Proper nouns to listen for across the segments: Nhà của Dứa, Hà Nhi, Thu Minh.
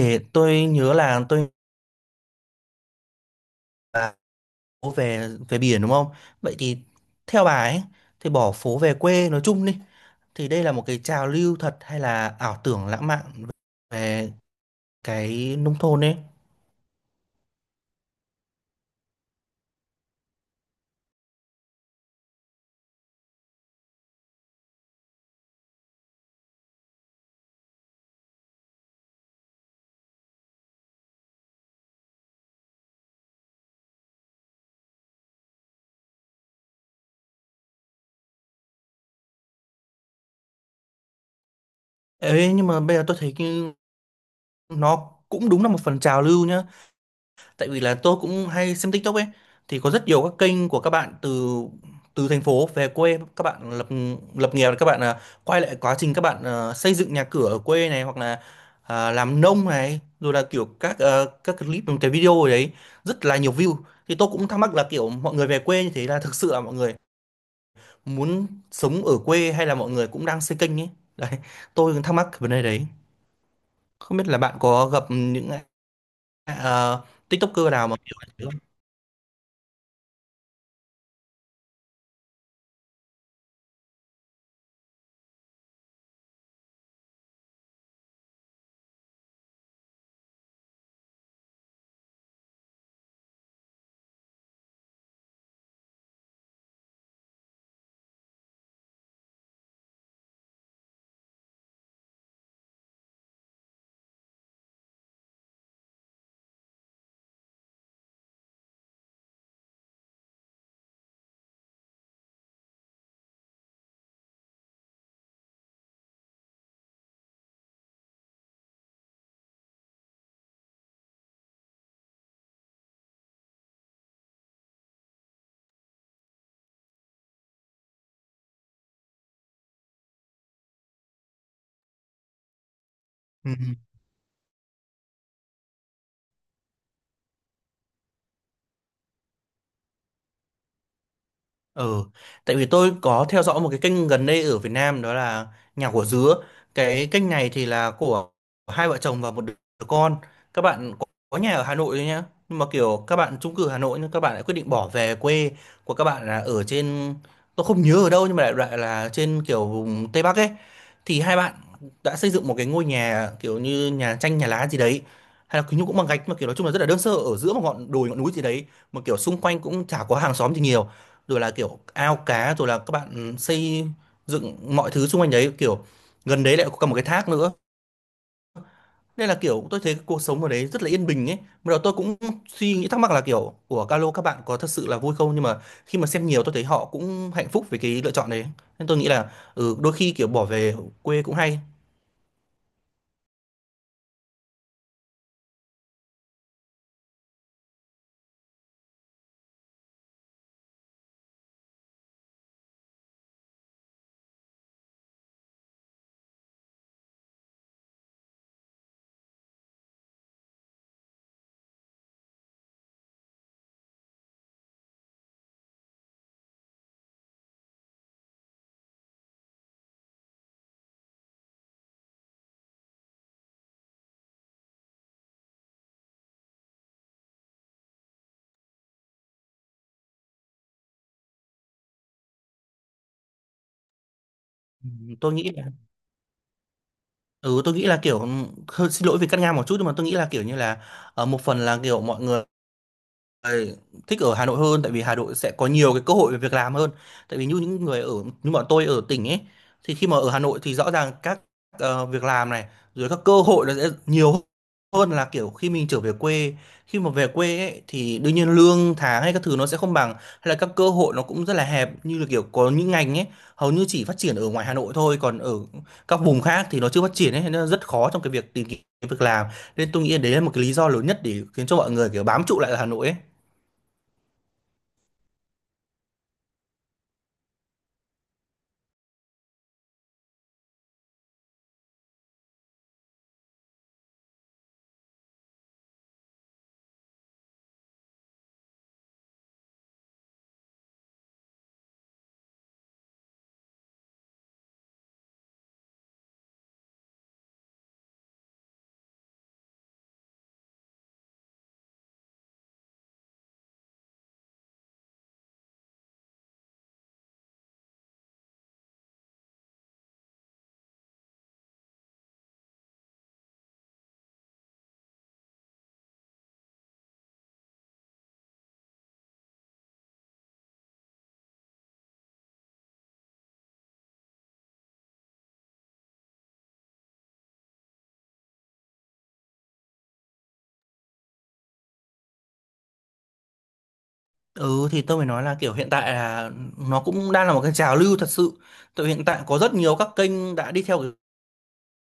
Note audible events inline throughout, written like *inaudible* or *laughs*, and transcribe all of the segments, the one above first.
Ê, tôi nhớ là tôi là phố về về biển đúng không? Vậy thì theo bà ấy thì bỏ phố về quê nói chung đi thì đây là một cái trào lưu thật hay là ảo tưởng lãng mạn về cái nông thôn ấy. Ê, nhưng mà bây giờ tôi thấy cái nó cũng đúng là một phần trào lưu nhá. Tại vì là tôi cũng hay xem TikTok ấy, thì có rất nhiều các kênh của các bạn từ từ thành phố về quê, các bạn lập lập nghiệp, các bạn quay lại quá trình các bạn xây dựng nhà cửa ở quê này, hoặc là làm nông này, rồi là kiểu các các clip, cái video ở đấy rất là nhiều view. Thì tôi cũng thắc mắc là kiểu mọi người về quê như thế là thực sự là mọi người muốn sống ở quê hay là mọi người cũng đang xây kênh ấy *laughs* đấy, tôi cũng thắc mắc cái vấn đề đấy, không biết là bạn có gặp những TikToker nào mà kiểu như thế không? Ừ. Ừ, tại vì tôi có theo dõi một cái kênh gần đây ở Việt Nam, đó là Nhà của Dứa. Cái kênh này thì là của hai vợ chồng và một đứa con. Các bạn có nhà ở Hà Nội thôi nhá. Nhưng mà kiểu các bạn chung cư Hà Nội nhưng các bạn lại quyết định bỏ về quê, của các bạn là ở trên, tôi không nhớ ở đâu nhưng mà đại loại là trên kiểu vùng Tây Bắc ấy. Thì hai bạn đã xây dựng một cái ngôi nhà kiểu như nhà tranh nhà lá gì đấy, hay là kiểu như cũng bằng gạch, mà kiểu nói chung là rất là đơn sơ, ở giữa một ngọn đồi ngọn núi gì đấy, mà kiểu xung quanh cũng chả có hàng xóm gì nhiều, rồi là kiểu ao cá, rồi là các bạn xây dựng mọi thứ xung quanh đấy, kiểu gần đấy lại có cả một cái thác nữa. Nên là kiểu tôi thấy cái cuộc sống ở đấy rất là yên bình ấy. Bắt đầu tôi cũng suy nghĩ thắc mắc là kiểu của Calo các bạn có thật sự là vui không, nhưng mà khi mà xem nhiều tôi thấy họ cũng hạnh phúc với cái lựa chọn đấy. Nên tôi nghĩ là ừ, đôi khi kiểu bỏ về quê cũng hay. Ừ, tôi nghĩ là ừ tôi nghĩ là kiểu ừ, hơi xin lỗi vì cắt ngang một chút, nhưng mà tôi nghĩ là kiểu như là một phần là kiểu mọi người người thích ở Hà Nội hơn, tại vì Hà Nội sẽ có nhiều cái cơ hội về việc làm hơn. Tại vì như những người ở, như bọn tôi ở tỉnh ấy, thì khi mà ở Hà Nội thì rõ ràng các việc làm này rồi các cơ hội nó sẽ nhiều hơn là kiểu khi mình trở về quê. Khi mà về quê ấy thì đương nhiên lương tháng hay các thứ nó sẽ không bằng, hay là các cơ hội nó cũng rất là hẹp, như là kiểu có những ngành ấy hầu như chỉ phát triển ở ngoài Hà Nội thôi, còn ở các vùng khác thì nó chưa phát triển ấy, nên nó rất khó trong cái việc tìm kiếm việc làm. Nên tôi nghĩ đấy là một cái lý do lớn nhất để khiến cho mọi người kiểu bám trụ lại ở Hà Nội ấy. Ừ thì tôi mới nói là kiểu hiện tại là nó cũng đang là một cái trào lưu thật sự. Tại hiện tại có rất nhiều các kênh đã đi theo cái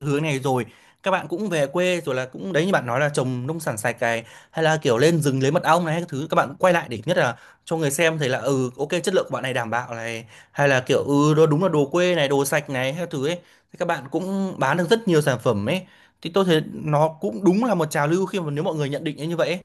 hướng này rồi. Các bạn cũng về quê rồi là cũng đấy như bạn nói là trồng nông sản sạch cày, hay là kiểu lên rừng lấy mật ong này hay các thứ, các bạn quay lại để nhất là cho người xem thấy là ừ ok chất lượng của bạn này đảm bảo này, hay là kiểu ừ đó đúng là đồ quê này, đồ sạch này hay các thứ ấy. Thì các bạn cũng bán được rất nhiều sản phẩm ấy. Thì tôi thấy nó cũng đúng là một trào lưu khi mà nếu mọi người nhận định như vậy ấy.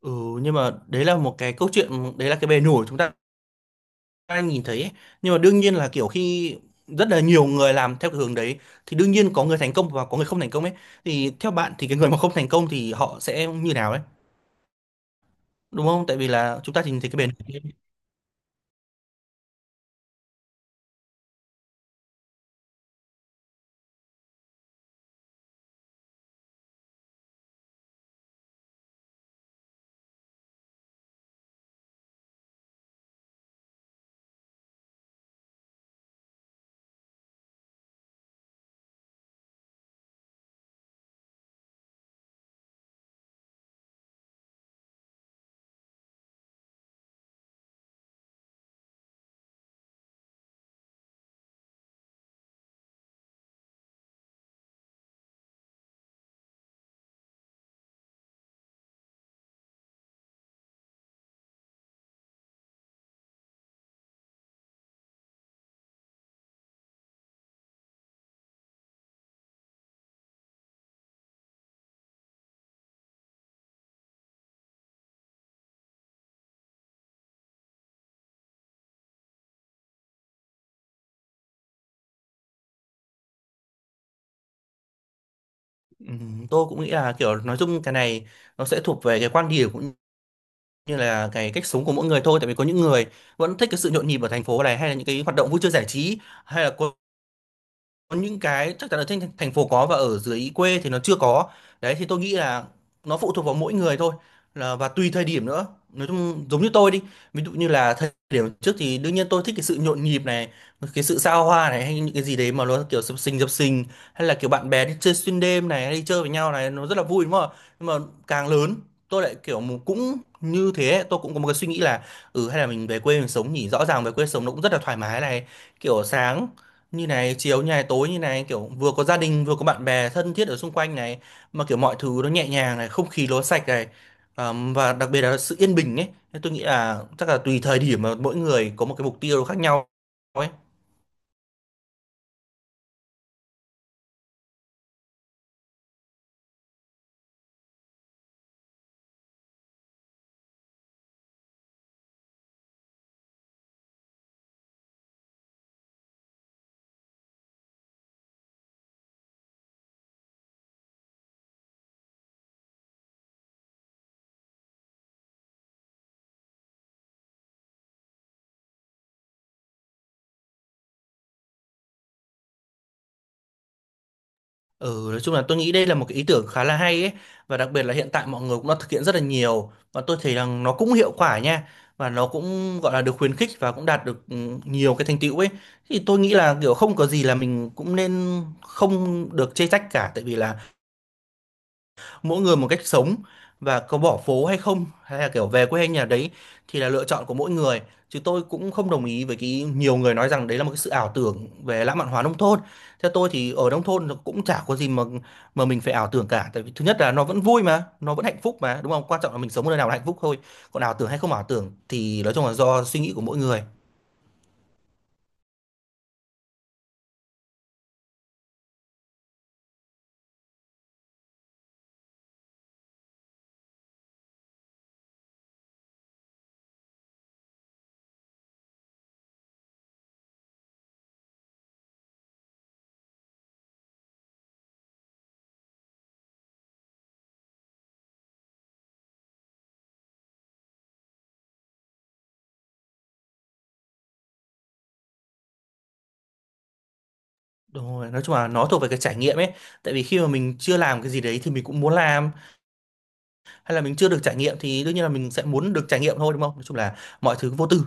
Ừ nhưng mà đấy là một cái câu chuyện, đấy là cái bề nổi chúng ta ai nhìn thấy ấy. Nhưng mà đương nhiên là kiểu khi rất là nhiều người làm theo cái hướng đấy thì đương nhiên có người thành công và có người không thành công ấy. Thì theo bạn thì cái người mà không thành công thì họ sẽ như nào đấy, đúng không, tại vì là chúng ta nhìn thấy cái bền. Tôi cũng nghĩ là kiểu nói chung cái này nó sẽ thuộc về cái quan điểm cũng như là cái cách sống của mỗi người thôi. Tại vì có những người vẫn thích cái sự nhộn nhịp ở thành phố này, hay là những cái hoạt động vui chơi giải trí, hay là có những cái chắc chắn ở trên thành phố có và ở dưới quê thì nó chưa có đấy. Thì tôi nghĩ là nó phụ thuộc vào mỗi người thôi, là và tùy thời điểm nữa. Nói chung giống như tôi đi, ví dụ như là thời điểm trước thì đương nhiên tôi thích cái sự nhộn nhịp này, cái sự xa hoa này, hay những cái gì đấy mà nó kiểu sập sình sập sình, hay là kiểu bạn bè đi chơi xuyên đêm này hay đi chơi với nhau này nó rất là vui đúng không ạ? Nhưng mà càng lớn tôi lại kiểu cũng như thế, tôi cũng có một cái suy nghĩ là ừ hay là mình về quê mình sống nhỉ, rõ ràng về quê sống nó cũng rất là thoải mái này, kiểu sáng như này chiếu như này tối như này, kiểu vừa có gia đình vừa có bạn bè thân thiết ở xung quanh này, mà kiểu mọi thứ nó nhẹ nhàng này, không khí nó sạch này. Và đặc biệt là sự yên bình ấy. Thế tôi nghĩ là chắc là tùy thời điểm mà mỗi người có một cái mục tiêu khác nhau ấy. Ừ, nói chung là tôi nghĩ đây là một cái ý tưởng khá là hay ấy, và đặc biệt là hiện tại mọi người cũng đã thực hiện rất là nhiều và tôi thấy rằng nó cũng hiệu quả nha, và nó cũng gọi là được khuyến khích và cũng đạt được nhiều cái thành tựu ấy. Thì tôi nghĩ là kiểu không có gì là mình cũng nên không được chê trách cả, tại vì là mỗi người một cách sống, và có bỏ phố hay không hay là kiểu về quê hay nhà đấy thì là lựa chọn của mỗi người. Chứ tôi cũng không đồng ý với cái nhiều người nói rằng đấy là một cái sự ảo tưởng về lãng mạn hóa nông thôn. Theo tôi thì ở nông thôn nó cũng chả có gì mà mình phải ảo tưởng cả, tại vì thứ nhất là nó vẫn vui mà, nó vẫn hạnh phúc mà, đúng không, quan trọng là mình sống ở nơi nào là hạnh phúc thôi. Còn ảo tưởng hay không ảo tưởng thì nói chung là do suy nghĩ của mỗi người. Đúng rồi, nói chung là nó thuộc về cái trải nghiệm ấy. Tại vì khi mà mình chưa làm cái gì đấy thì mình cũng muốn làm, hay là mình chưa được trải nghiệm thì đương nhiên là mình sẽ muốn được trải nghiệm thôi, đúng không? Nói chung là mọi thứ vô tư.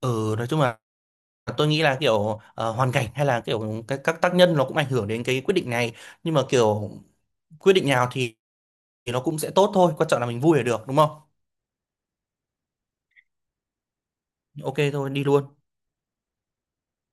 Ừ, nói chung là tôi nghĩ là kiểu hoàn cảnh hay là kiểu các tác nhân nó cũng ảnh hưởng đến cái quyết định này, nhưng mà kiểu quyết định nào thì nó cũng sẽ tốt thôi, quan trọng là mình vui là được đúng không? Ok thôi đi luôn.